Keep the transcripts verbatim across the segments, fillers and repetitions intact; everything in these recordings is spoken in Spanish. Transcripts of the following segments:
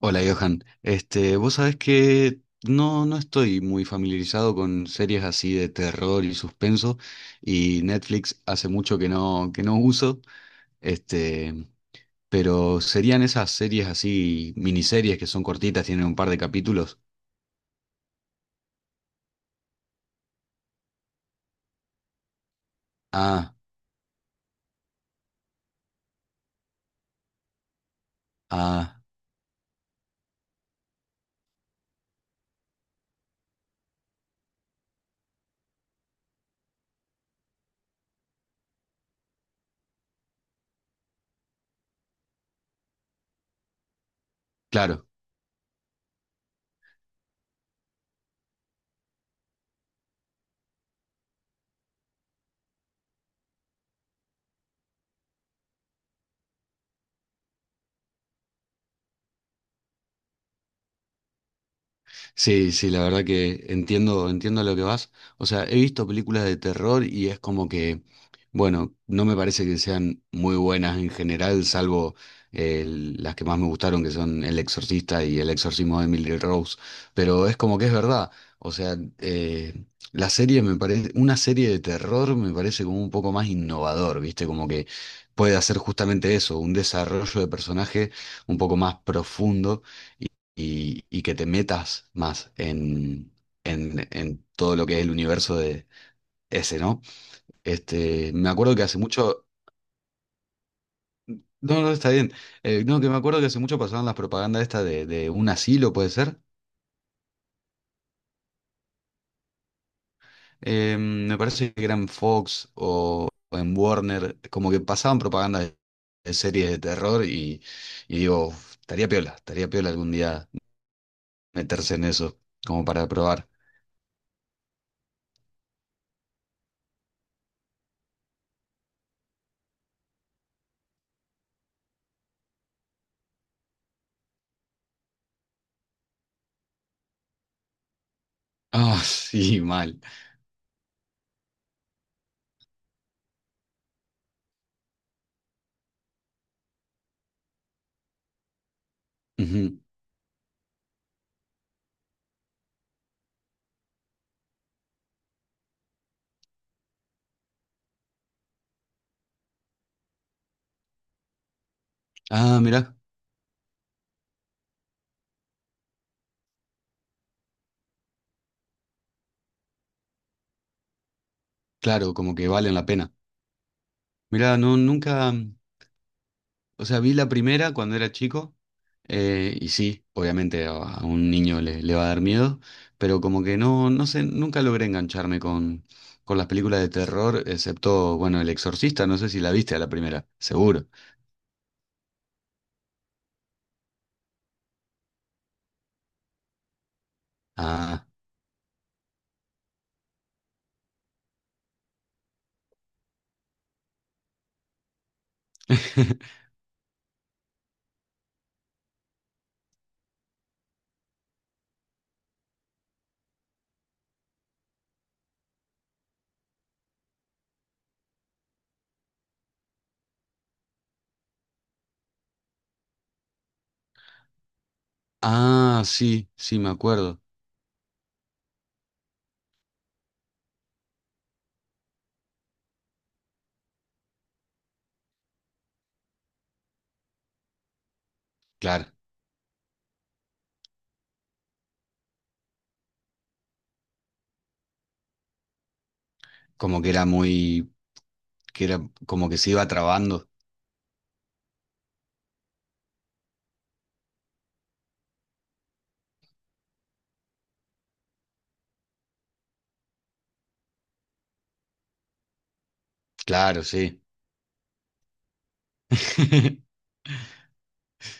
Hola Johan, este, vos sabés que no, no estoy muy familiarizado con series así de terror y suspenso, y Netflix hace mucho que no, que no uso. este, pero serían esas series así, miniseries que son cortitas, tienen un par de capítulos. Ah, ah, claro. Sí, sí, la verdad que entiendo, entiendo a lo que vas. O sea, he visto películas de terror y es como que, bueno, no me parece que sean muy buenas en general, salvo eh, las que más me gustaron, que son El Exorcista y El Exorcismo de Emily Rose. Pero es como que es verdad. O sea, eh, la serie me parece, una serie de terror me parece como un poco más innovador, ¿viste? Como que puede hacer justamente eso, un desarrollo de personaje un poco más profundo y, y que te metas más en, en, en todo lo que es el universo de ese, ¿no? Este, me acuerdo que hace mucho. no, no, está bien. Eh, no, que me acuerdo que hace mucho pasaban las propagandas esta de, de un asilo, puede ser. Eh, me parece que era en Fox o, o en Warner, como que pasaban propaganda de, de series de terror y, y digo: "Uf, estaría piola, estaría piola algún día meterse en eso, como para probar". Ah, sí, mal. Ujú. Ah, mirá. Claro, como que valen la pena. Mira, no, nunca, mm, o sea, vi la primera cuando era chico. Eh, y sí, obviamente a, a un niño le, le va a dar miedo, pero como que no, no sé, nunca logré engancharme con, con las películas de terror, excepto, bueno, El Exorcista. No sé si la viste a la primera, seguro. Ah, ah, sí, sí, me acuerdo. Claro, como que era muy, que era como que se iba trabando. Claro, sí.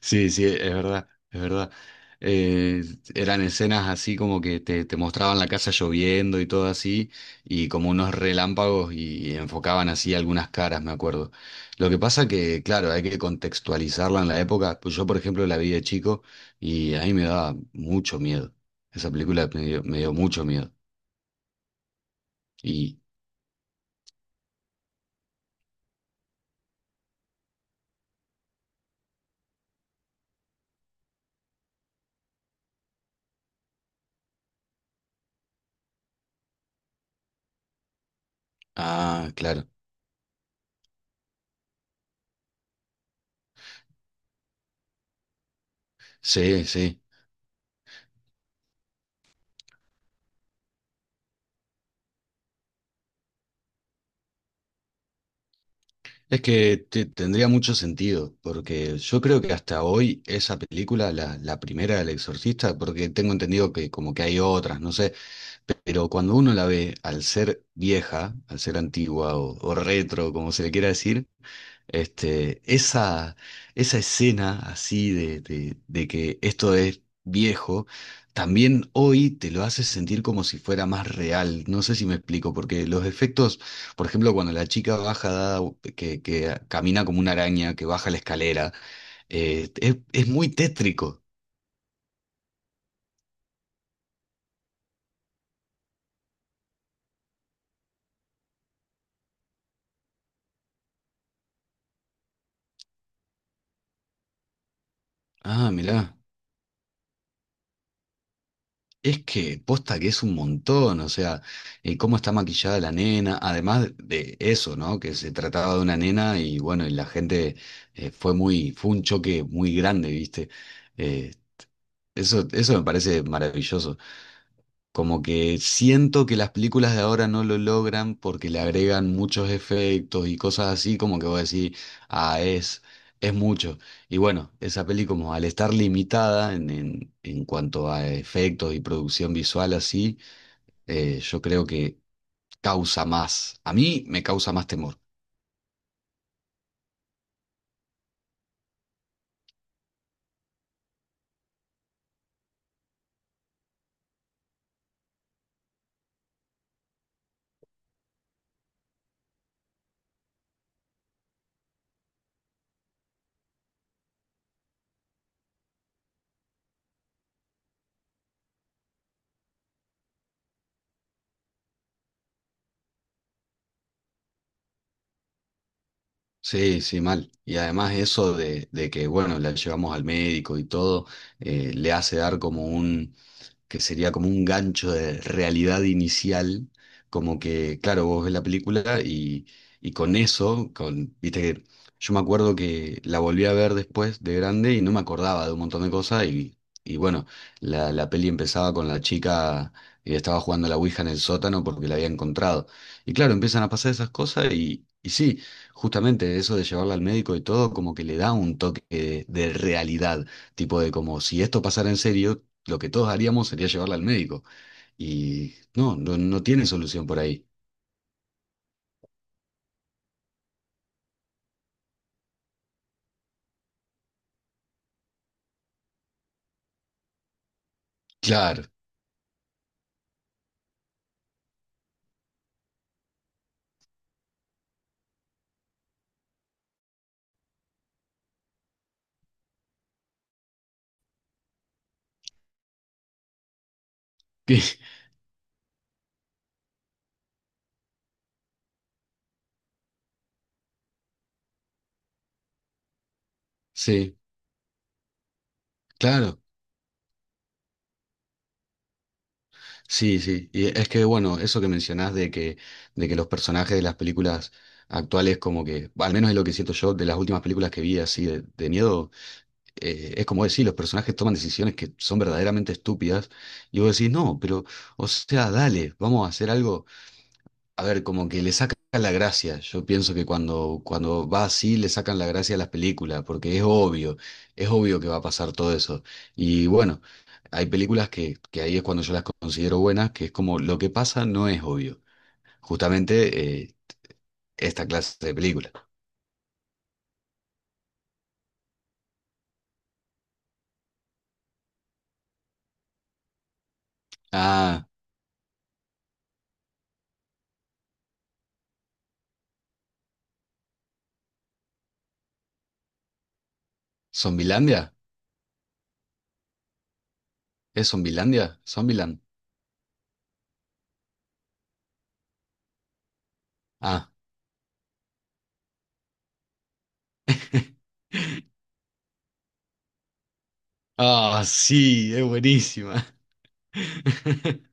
Sí, sí, es verdad, es verdad. Eh, eran escenas así como que te, te mostraban la casa lloviendo y todo así, y como unos relámpagos y enfocaban así algunas caras, me acuerdo. Lo que pasa que, claro, hay que contextualizarla en la época. Pues yo, por ejemplo, la vi de chico y a mí me daba mucho miedo. Esa película me dio, me dio mucho miedo. Y, ah, claro, sí, sí. Es que te- tendría mucho sentido, porque yo creo que hasta hoy esa película, la, la primera del Exorcista, porque tengo entendido que como que hay otras, no sé, pero cuando uno la ve, al ser vieja, al ser antigua o, o retro, como se le quiera decir, este, esa, esa escena así de, de- de que esto es viejo, también hoy te lo hace sentir como si fuera más real. No sé si me explico, porque los efectos, por ejemplo, cuando la chica baja, dada- que, que camina como una araña, que baja la escalera, eh, es, es muy tétrico. Ah, mirá. Es que posta que es un montón. O sea, eh, cómo está maquillada la nena, además de eso, ¿no? Que se trataba de una nena y bueno, y la gente eh, fue muy, fue un choque muy grande, ¿viste? Eh, eso, eso me parece maravilloso. Como que siento que las películas de ahora no lo logran porque le agregan muchos efectos y cosas así, como que voy a decir, ah, es, es mucho. Y bueno, esa peli como al estar limitada en, en, en cuanto a efectos y producción visual así, eh, yo creo que causa más, a mí me causa más temor. Sí, sí, mal. Y además eso de, de que, bueno, la llevamos al médico y todo, eh, le hace dar como un, que sería como un gancho de realidad inicial, como que, claro, vos ves la película y, y con eso, con, viste que yo me acuerdo que la volví a ver después de grande y no me acordaba de un montón de cosas y, y bueno, la, la peli empezaba con la chica que estaba jugando a la Ouija en el sótano porque la había encontrado. Y claro, empiezan a pasar esas cosas y, y sí, justamente eso de llevarla al médico y todo, como que le da un toque de de realidad. Tipo de como si esto pasara en serio, lo que todos haríamos sería llevarla al médico. Y no, no, no tiene solución por ahí. Claro. Sí, claro. Sí, sí. Y es que, bueno, eso que mencionás de que, de que los personajes de las películas actuales, como que, al menos es lo que siento yo de las últimas películas que vi así de, de miedo, eh, es como decir, los personajes toman decisiones que son verdaderamente estúpidas. Y vos decís, no, pero, o sea, dale, vamos a hacer algo. A ver, como que le sacan la gracia. Yo pienso que cuando, cuando va así le sacan la gracia a las películas, porque es obvio, es obvio que va a pasar todo eso. Y bueno, hay películas que, que ahí es cuando yo las considero buenas, que es como lo que pasa no es obvio. Justamente eh, esta clase de película. Ah, ¿Zombilandia? ¿Es Zombilandia? ¿Zombiland? Ah. Ah, sí, es buenísima.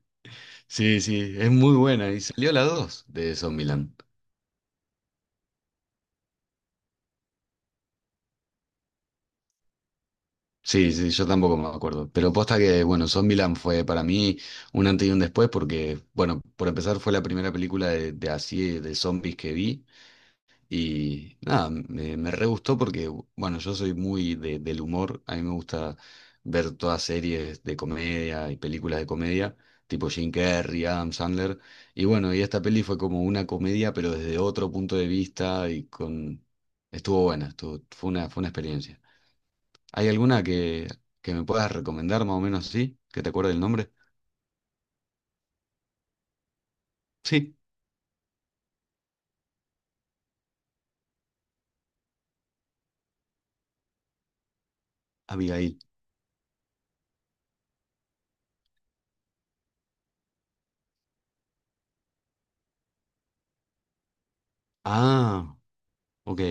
Sí, sí, es muy buena. Y salió la dos de Zombieland. Sí, sí, yo tampoco me acuerdo. Pero posta que, bueno, Zombieland fue para mí un antes y un después porque, bueno, por empezar fue la primera película de, de así, de zombies que vi. Y nada, me, me re gustó porque, bueno, yo soy muy de- del humor. A mí me gusta ver todas series de comedia y películas de comedia, tipo Jim Carrey, Adam Sandler. Y bueno, y esta peli fue como una comedia, pero desde otro punto de vista y con... Estuvo buena, estuvo, fue una, fue una experiencia. ¿Hay alguna que, que me puedas recomendar más o menos así? ¿Que te acuerdes el nombre? Sí, Abigail. Ah, ok,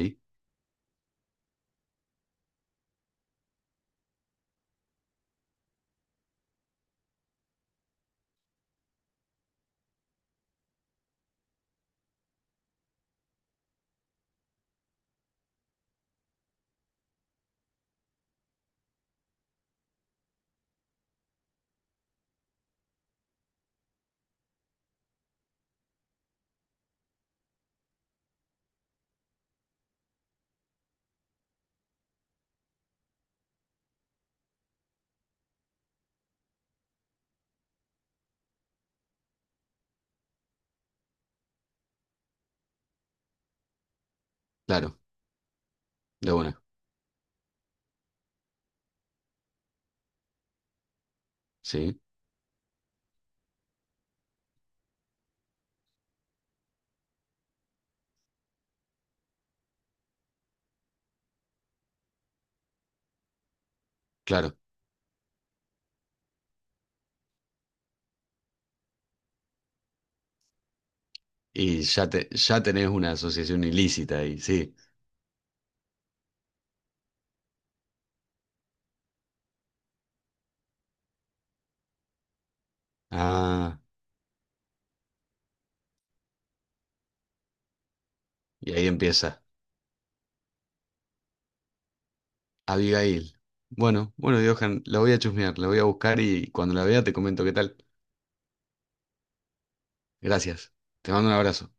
claro, de una, sí, claro. Y ya, te, ya tenés una asociación ilícita ahí, sí. Ah, y ahí empieza. Abigail. Bueno, bueno, Johan, la voy a chusmear, la voy a buscar y cuando la vea te comento qué tal. Gracias. Te mando un abrazo.